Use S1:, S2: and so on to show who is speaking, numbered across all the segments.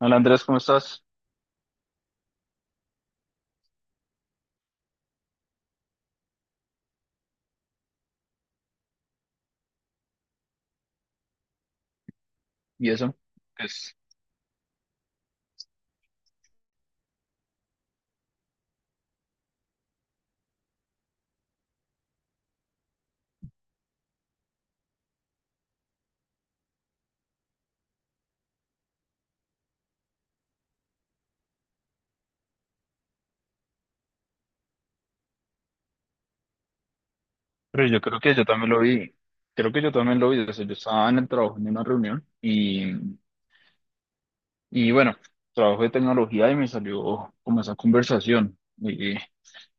S1: Hola Andrés, ¿cómo estás? ¿Y eso? Pues, pero yo creo que yo también lo vi, creo que yo también lo vi, o sea, yo estaba en el trabajo, en una reunión, y bueno, trabajo de tecnología y me salió como esa conversación y-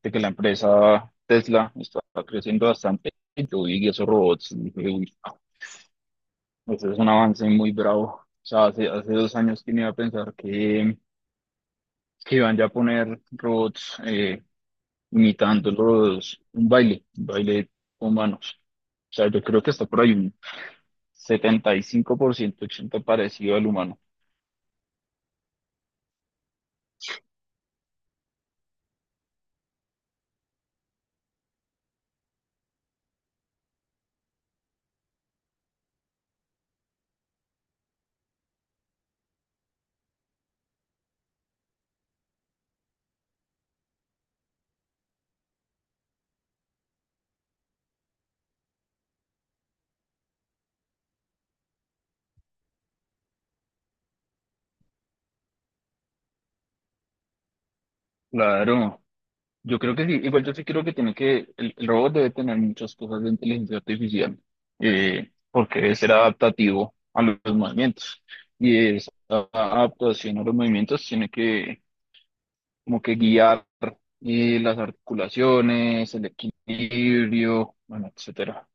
S1: de que la empresa Tesla está creciendo bastante, y yo vi esos robots, y dije, uy, ese es un avance muy bravo, o sea, hace 2 años que no iba a pensar que iban ya a poner robots imitándolos, un baile con manos. O sea, yo creo que está por ahí un 75%, 80% parecido al humano. Claro, yo creo que sí, igual yo sí creo que tiene que, el robot debe tener muchas cosas de inteligencia artificial, porque debe ser adaptativo a los movimientos. Y esa adaptación a los movimientos tiene que, como que guiar las articulaciones, el equilibrio, bueno, etcétera.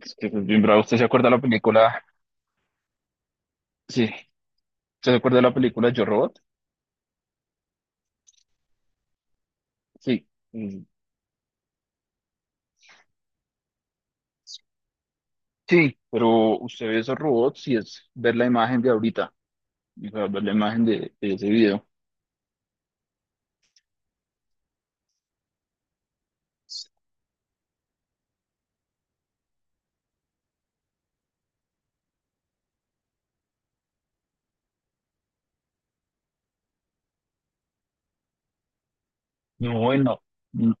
S1: Es que es bien bravo. ¿Usted se acuerda de la película? Sí. ¿Usted se acuerda de la película Yo Robot? Sí. Mm. Sí. Pero usted ve esos robots y es ver la imagen de ahorita. O sea, ver la imagen de ese video. No, bueno. No,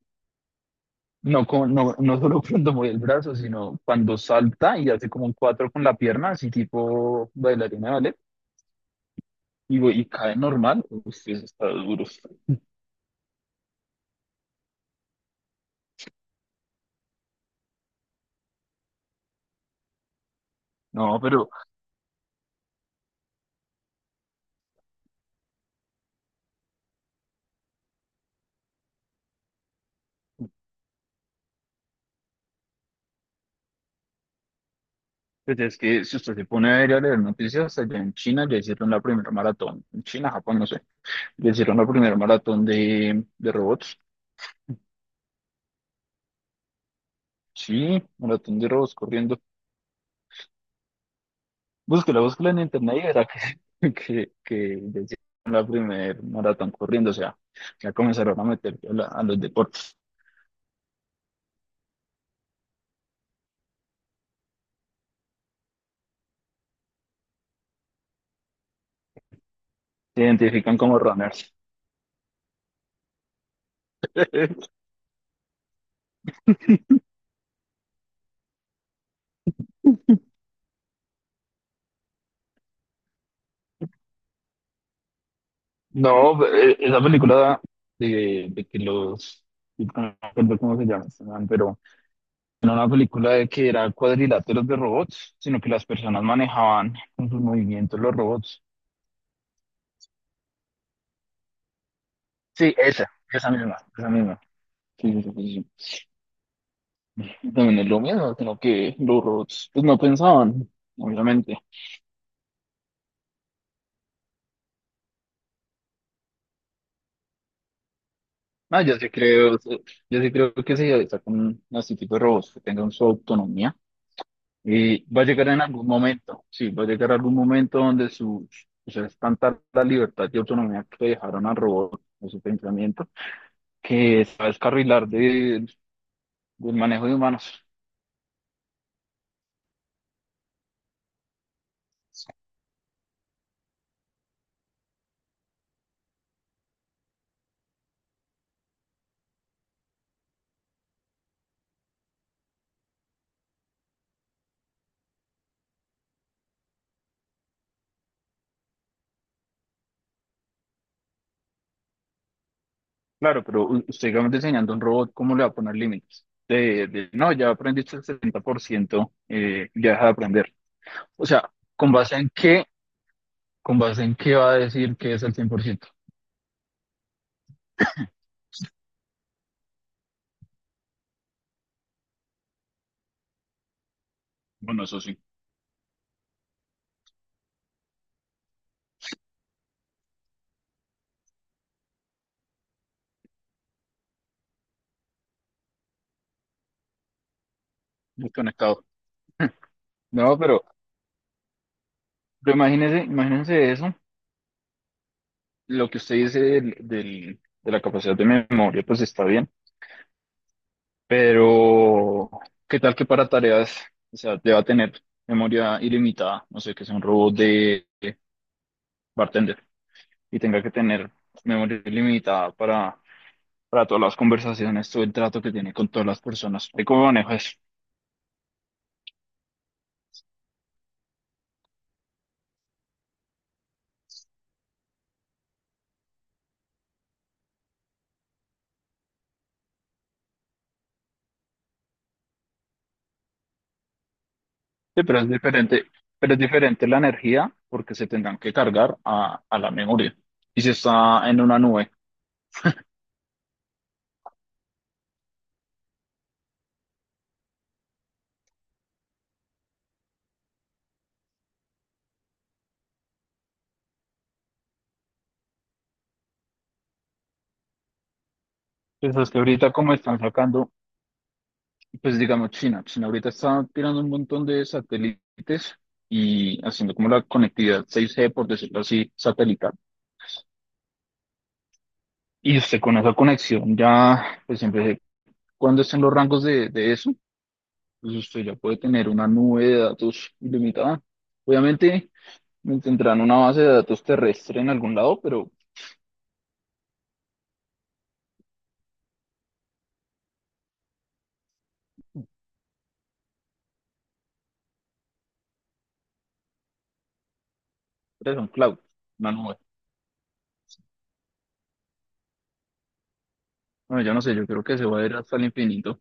S1: no, no, no solo cuando mueve el brazo, sino cuando salta y hace como un cuatro con la pierna, así tipo bailarina, ¿vale? Y, y cae normal. Usted está duro. No, pero pues es que si usted se pone a ver y a leer noticias, allá en China ya hicieron la primera maratón. En China, Japón, no sé. Le hicieron la primera maratón de robots. Sí, maratón de robots corriendo. Búsquela, búsquela en internet y verá que, que le hicieron la primera maratón corriendo. O sea, ya comenzaron a meter a los deportes. Se identifican como runners. No, esa película de, de que los... No recuerdo cómo se llama, este man, pero no era una película de que era cuadriláteros de robots, sino que las personas manejaban con sus movimientos los robots. Sí, esa misma, esa misma. Sí, sí, sí, sí. También es lo mismo, sino que los robots pues, no pensaban, obviamente. Ah, yo sí creo que si sacan este tipo de robots que tengan su autonomía, y va a llegar en algún momento, sí, va a llegar algún momento donde su, o sea, es tanta la libertad y autonomía que le dejaron al robot, o su pensamiento, que se va a descarrilar del manejo de humanos. Claro, pero usted, digamos, diseñando un robot, ¿cómo le va a poner límites? De, no, ya aprendiste el 70%, ya deja de aprender. O sea, ¿con base en qué? ¿Con base en qué va a decir que es el 100%? Bueno, eso sí, desconectado. No, pero imagínese, imagínense eso, lo que usted dice de la capacidad de memoria, pues está bien, pero ¿qué tal que para tareas, o sea, te va a tener memoria ilimitada? No sé, que sea un robot de bartender. Y tenga que tener memoria limitada para todas las conversaciones, todo el trato que tiene con todas las personas. ¿De cómo manejo eso? Sí, pero es diferente la energía porque se tendrán que cargar a la memoria. Y si está en una nube, pues es que ahorita como están sacando, pues digamos China, China ahorita está tirando un montón de satélites y haciendo como la conectividad 6G, por decirlo así, satelital. Y usted con esa conexión ya, pues siempre, cuando estén los rangos de eso, pues usted ya puede tener una nube de datos ilimitada. Obviamente me tendrán una base de datos terrestre en algún lado, pero es un cloud, una nube. Bueno, yo no sé, yo creo que se va a ir hasta el infinito.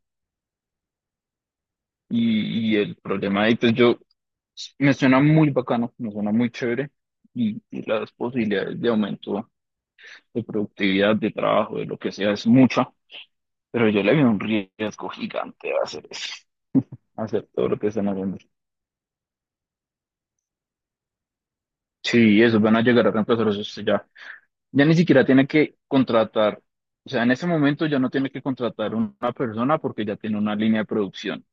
S1: Y el problema ahí, pues yo, me suena muy bacano, me suena muy chévere. Y las posibilidades de aumento de productividad, de trabajo, de lo que sea, es mucha. Pero yo le veo un riesgo gigante a hacer eso, a hacer todo lo que están haciendo. Sí, eso van a llegar a reemplazar eso sí, ya. Ya ni siquiera tiene que contratar, o sea, en ese momento ya no tiene que contratar una persona porque ya tiene una línea de producción.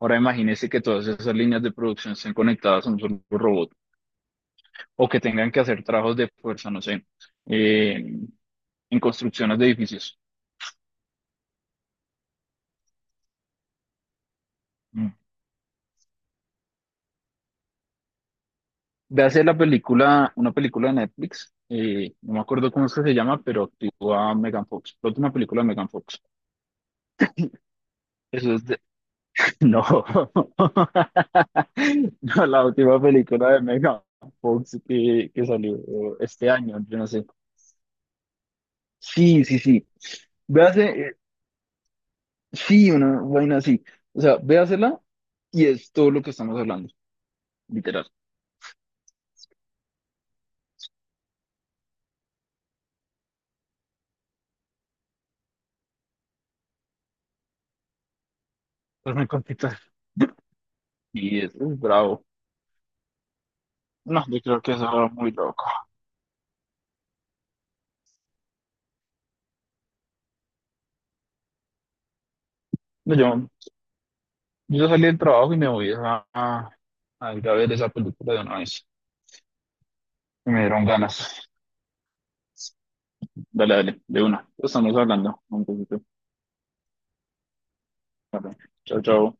S1: Ahora imagínese que todas esas líneas de producción estén conectadas a un solo robot o que tengan que hacer trabajos de fuerza, no sé, eh, en construcciones de edificios. Mm. Véase la película, una película de Netflix, no me acuerdo cómo es que se llama, pero actúa Megan Fox, la última película de Megan Fox. Eso es de- No, no, la última película de Megan Fox que salió este año, yo no sé. Sí, sí, sí. Véase, sí, una vaina así. O sea, véasela y es todo lo que estamos hablando, literal. Pues me contestas. Y es bravo. No, yo creo que eso era muy loco. No, yo salí del trabajo y me voy a ir a ver esa película de una vez. Me dieron ganas. Dale, dale, de una. Estamos hablando un poquito. Vale. Chau, chau.